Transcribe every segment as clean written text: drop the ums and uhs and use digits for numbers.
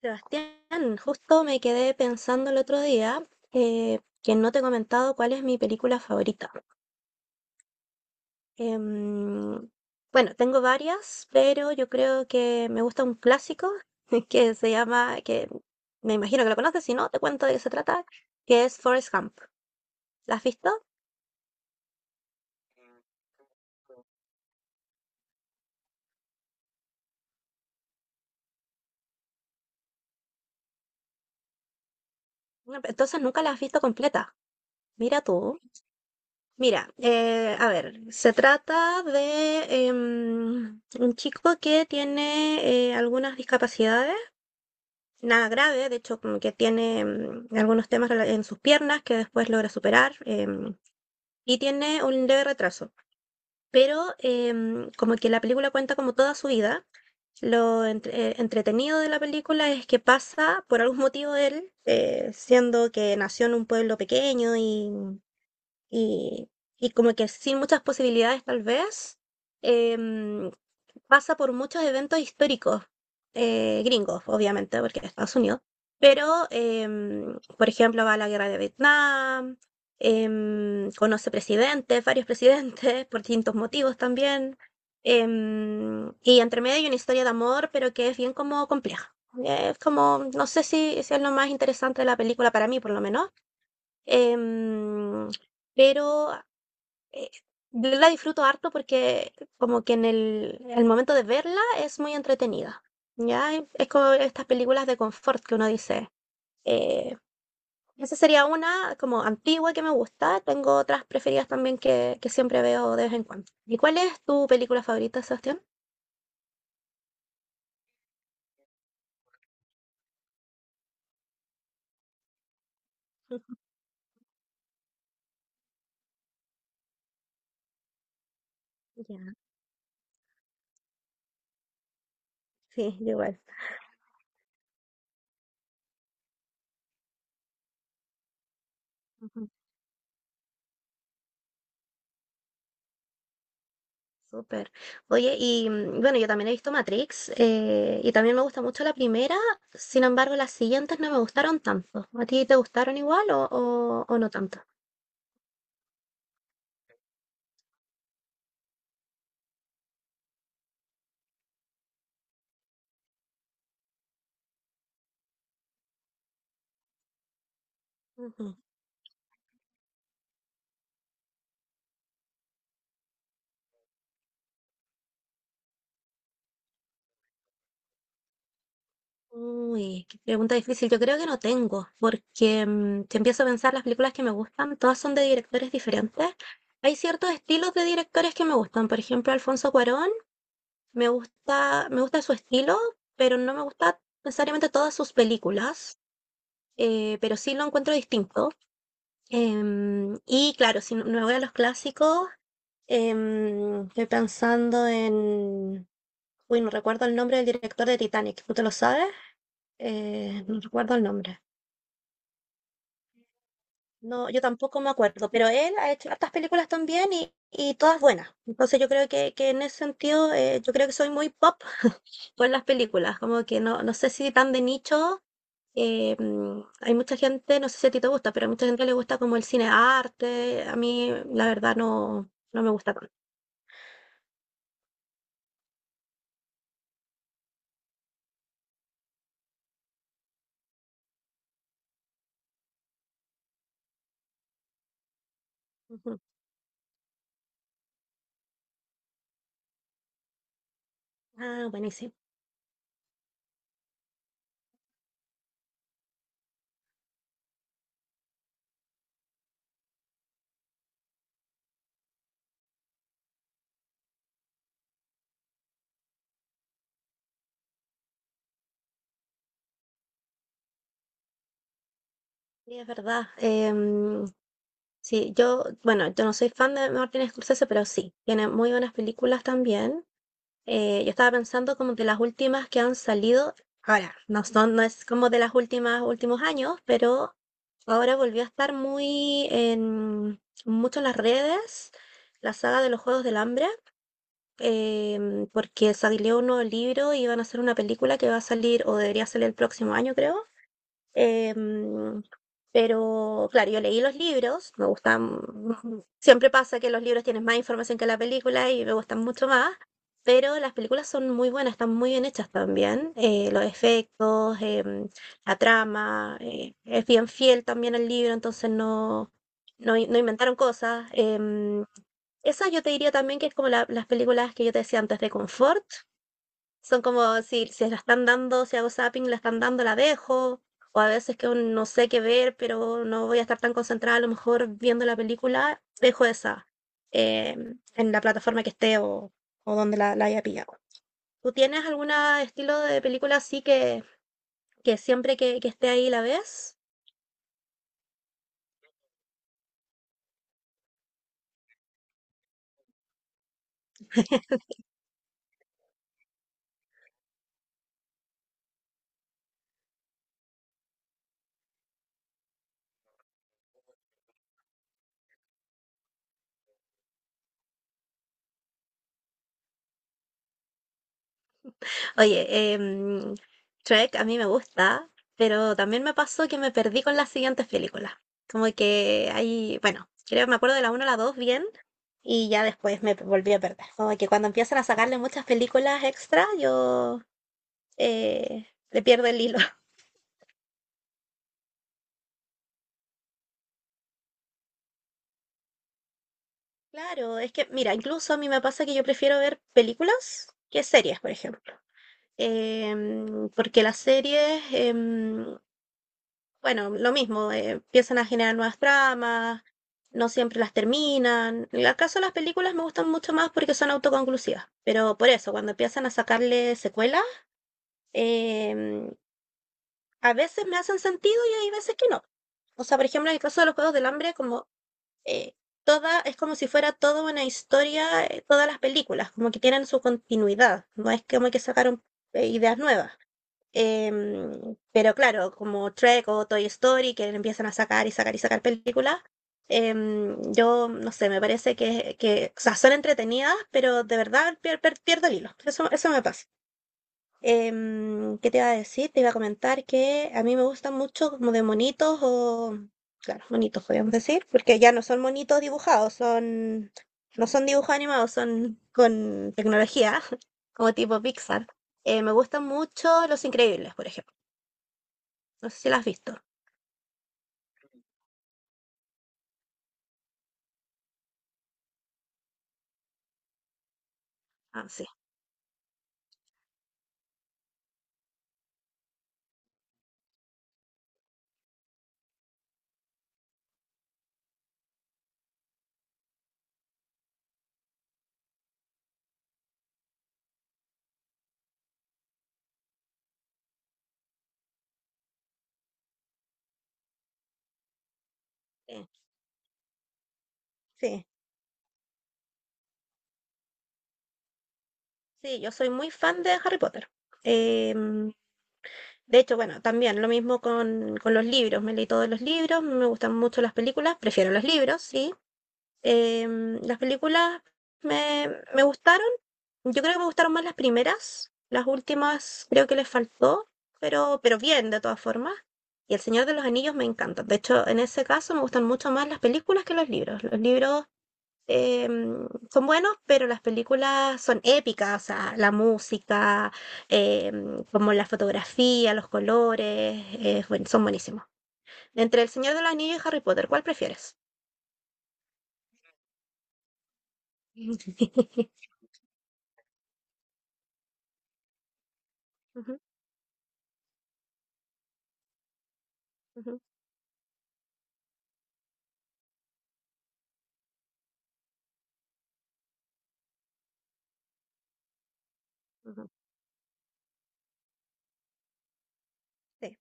Sebastián, justo me quedé pensando el otro día que no te he comentado cuál es mi película favorita. Em, bueno, tengo varias, pero yo creo que me gusta un clásico que se llama, que me imagino que lo conoces, si no, te cuento de qué se trata, que es Forrest Gump. ¿La has visto? No, pero entonces nunca la has visto completa. Mira tú. Mira, a ver, se trata de un chico que tiene algunas discapacidades nada grave, de hecho como que tiene algunos en sus piernas que después logra superar, y tiene un leve retraso. Pero, como que la película cuenta como toda su vida, lo entretenido de la película es que pasa por algún motivo él, siendo que nació en un pueblo pequeño y, y como que sin muchas posibilidades tal vez, em, pasa por muchos eventos históricos, gringos, obviamente, porque es Estados Unidos. Pero, por ejemplo, va a la guerra de Vietnam. Conoce presidentes, varios presidentes, por distintos motivos también. Y entre medio hay una historia de amor, pero que es bien como compleja. Es como, no sé si es lo más interesante de la película para mí, por lo menos. Em, pero, eh, yo la disfruto harto porque como que en al momento de verla es muy entretenida, ¿ya? Es como estas películas de confort que uno dice. eh, Esa sería una como antigua que me gusta. Tengo otras preferidas también que siempre veo de vez en cuando. ¿Y cuál es tu película favorita, Sebastián? Ya, sí, yo igual. Súper. Oye, y bueno, yo también he visto Matrix, y también me gusta mucho la primera, sin embargo, las siguientes no me gustaron tanto. ¿A ti te gustaron igual o no tanto? Ujú. Uy, qué pregunta difícil. Yo creo que no tengo, porque si empiezo a pensar las películas que me gustan, todas son de directores diferentes. Hay ciertos estilos de directores que me gustan. Por ejemplo, Alfonso Cuarón, me gusta su estilo, pero no me gusta necesariamente todas sus películas, pero sí lo encuentro distinto. Y claro, me voy a los clásicos. Estoy pensando en... Uy, no recuerdo el nombre del director de Titanic. ¿Tú te lo sabes? No recuerdo el nombre. No, yo tampoco me acuerdo, pero él ha hecho hartas películas también y todas buenas. Entonces yo creo que en ese sentido, yo creo que soy muy pop por las películas, como que no, no sé si tan de nicho. Hay mucha gente, no sé si a ti te gusta, pero a mucha gente le gusta como el cine arte. A mí, la verdad, no, no me gusta tanto. Ujú. Ah, buenísimo. Sí, es verdad. Sí, yo, bueno, yo no soy fan de Martin Scorsese, pero sí, tiene muy buenas películas también. Yo estaba pensando como de las últimas que han salido. Ahora, no son, no es como de las últimas, últimos años, pero ahora volvió a estar muy en mucho en las redes la saga de los Juegos del Hambre, porque salió un nuevo libro y van a hacer una película que va a salir, o debería salir el próximo año, creo. Em, pero claro, yo leí los libros, me gustan. Siempre pasa que los libros tienen más información que la película y me gustan mucho más, pero las películas son muy buenas, están muy bien hechas también, los efectos, la trama, es bien fiel también al libro, entonces no, no inventaron cosas. Esa yo te diría también que es como las películas que yo te decía antes de confort, son como si la están dando, si hago zapping, la están dando, la dejo, o a veces que un no sé qué ver, pero no voy a estar tan concentrada, a lo mejor viendo la película, dejo esa, en la plataforma que esté o donde la haya pillado. ¿Tú tienes algún estilo de película así que siempre que esté ahí la ves? Oye, Shrek a mí me gusta, pero también me pasó que me perdí con las siguientes películas. Como que hay, bueno, creo me acuerdo de la 1 a la 2 bien y ya después me volví a perder. Como que cuando empiezan a sacarle muchas películas extra, yo, le pierdo el hilo. Claro, es que, mira, incluso a mí me pasa que yo prefiero ver películas que series, por ejemplo. Porque las series, bueno, lo mismo, empiezan a generar nuevas tramas, no siempre las terminan. En el caso de las películas me gustan mucho más porque son autoconclusivas, pero por eso, cuando empiezan a sacarle secuelas, em, a veces me hacen sentido y hay veces que no. O sea, por ejemplo, en el caso de los Juegos del Hambre, como eh, es como si fuera toda una historia, todas las películas, como que tienen su continuidad, no es como que sacaron ideas nuevas. Pero claro, como Trek o Toy Story, que empiezan a sacar y sacar y sacar películas, yo no sé, me parece o sea, son entretenidas, pero de verdad pierdo el hilo. Eso me pasa. ¿Qué te iba a decir? Te iba a comentar que a mí me gustan mucho como de monitos o, claro, monitos podríamos decir, porque ya no son monitos dibujados, son, no son dibujos animados, son con tecnología, como tipo Pixar. Me gustan mucho Los Increíbles, por ejemplo. No sé si la has visto. Ah, sí. Sí, sí, sí, yo soy muy fan de Harry Potter. Em, de hecho, bueno, también lo mismo con los libros. Me leí todos los libros, me gustan mucho las películas, prefiero los libros, sí. Las películas me, me gustaron. Yo creo que me gustaron más las primeras. Las últimas creo que les faltó, pero bien, de todas formas. Y El Señor de los Anillos me encanta. De hecho, en ese caso me gustan mucho más las películas que los libros. Los libros, son buenos, pero las películas son épicas, o sea, la música, como la fotografía, los colores, bueno, son buenísimos. Entre El Señor de los Anillos y Harry Potter, ¿cuál prefieres? Ujú, ujú, ujú, sí.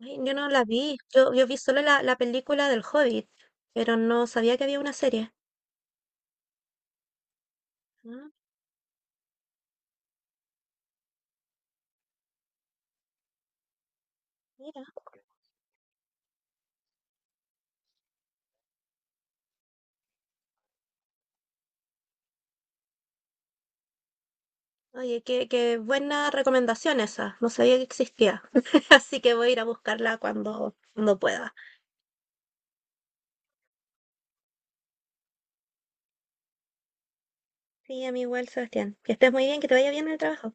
Ay, yo no la vi, yo vi solo la película del Hobbit, pero no sabía que había una serie. Ah, mira. Oye, qué buena recomendación esa, no sabía que existía, así que voy a ir a buscarla cuando pueda. Sí, a mí igual, Sebastián. Que estés muy bien, que te vaya bien en el trabajo.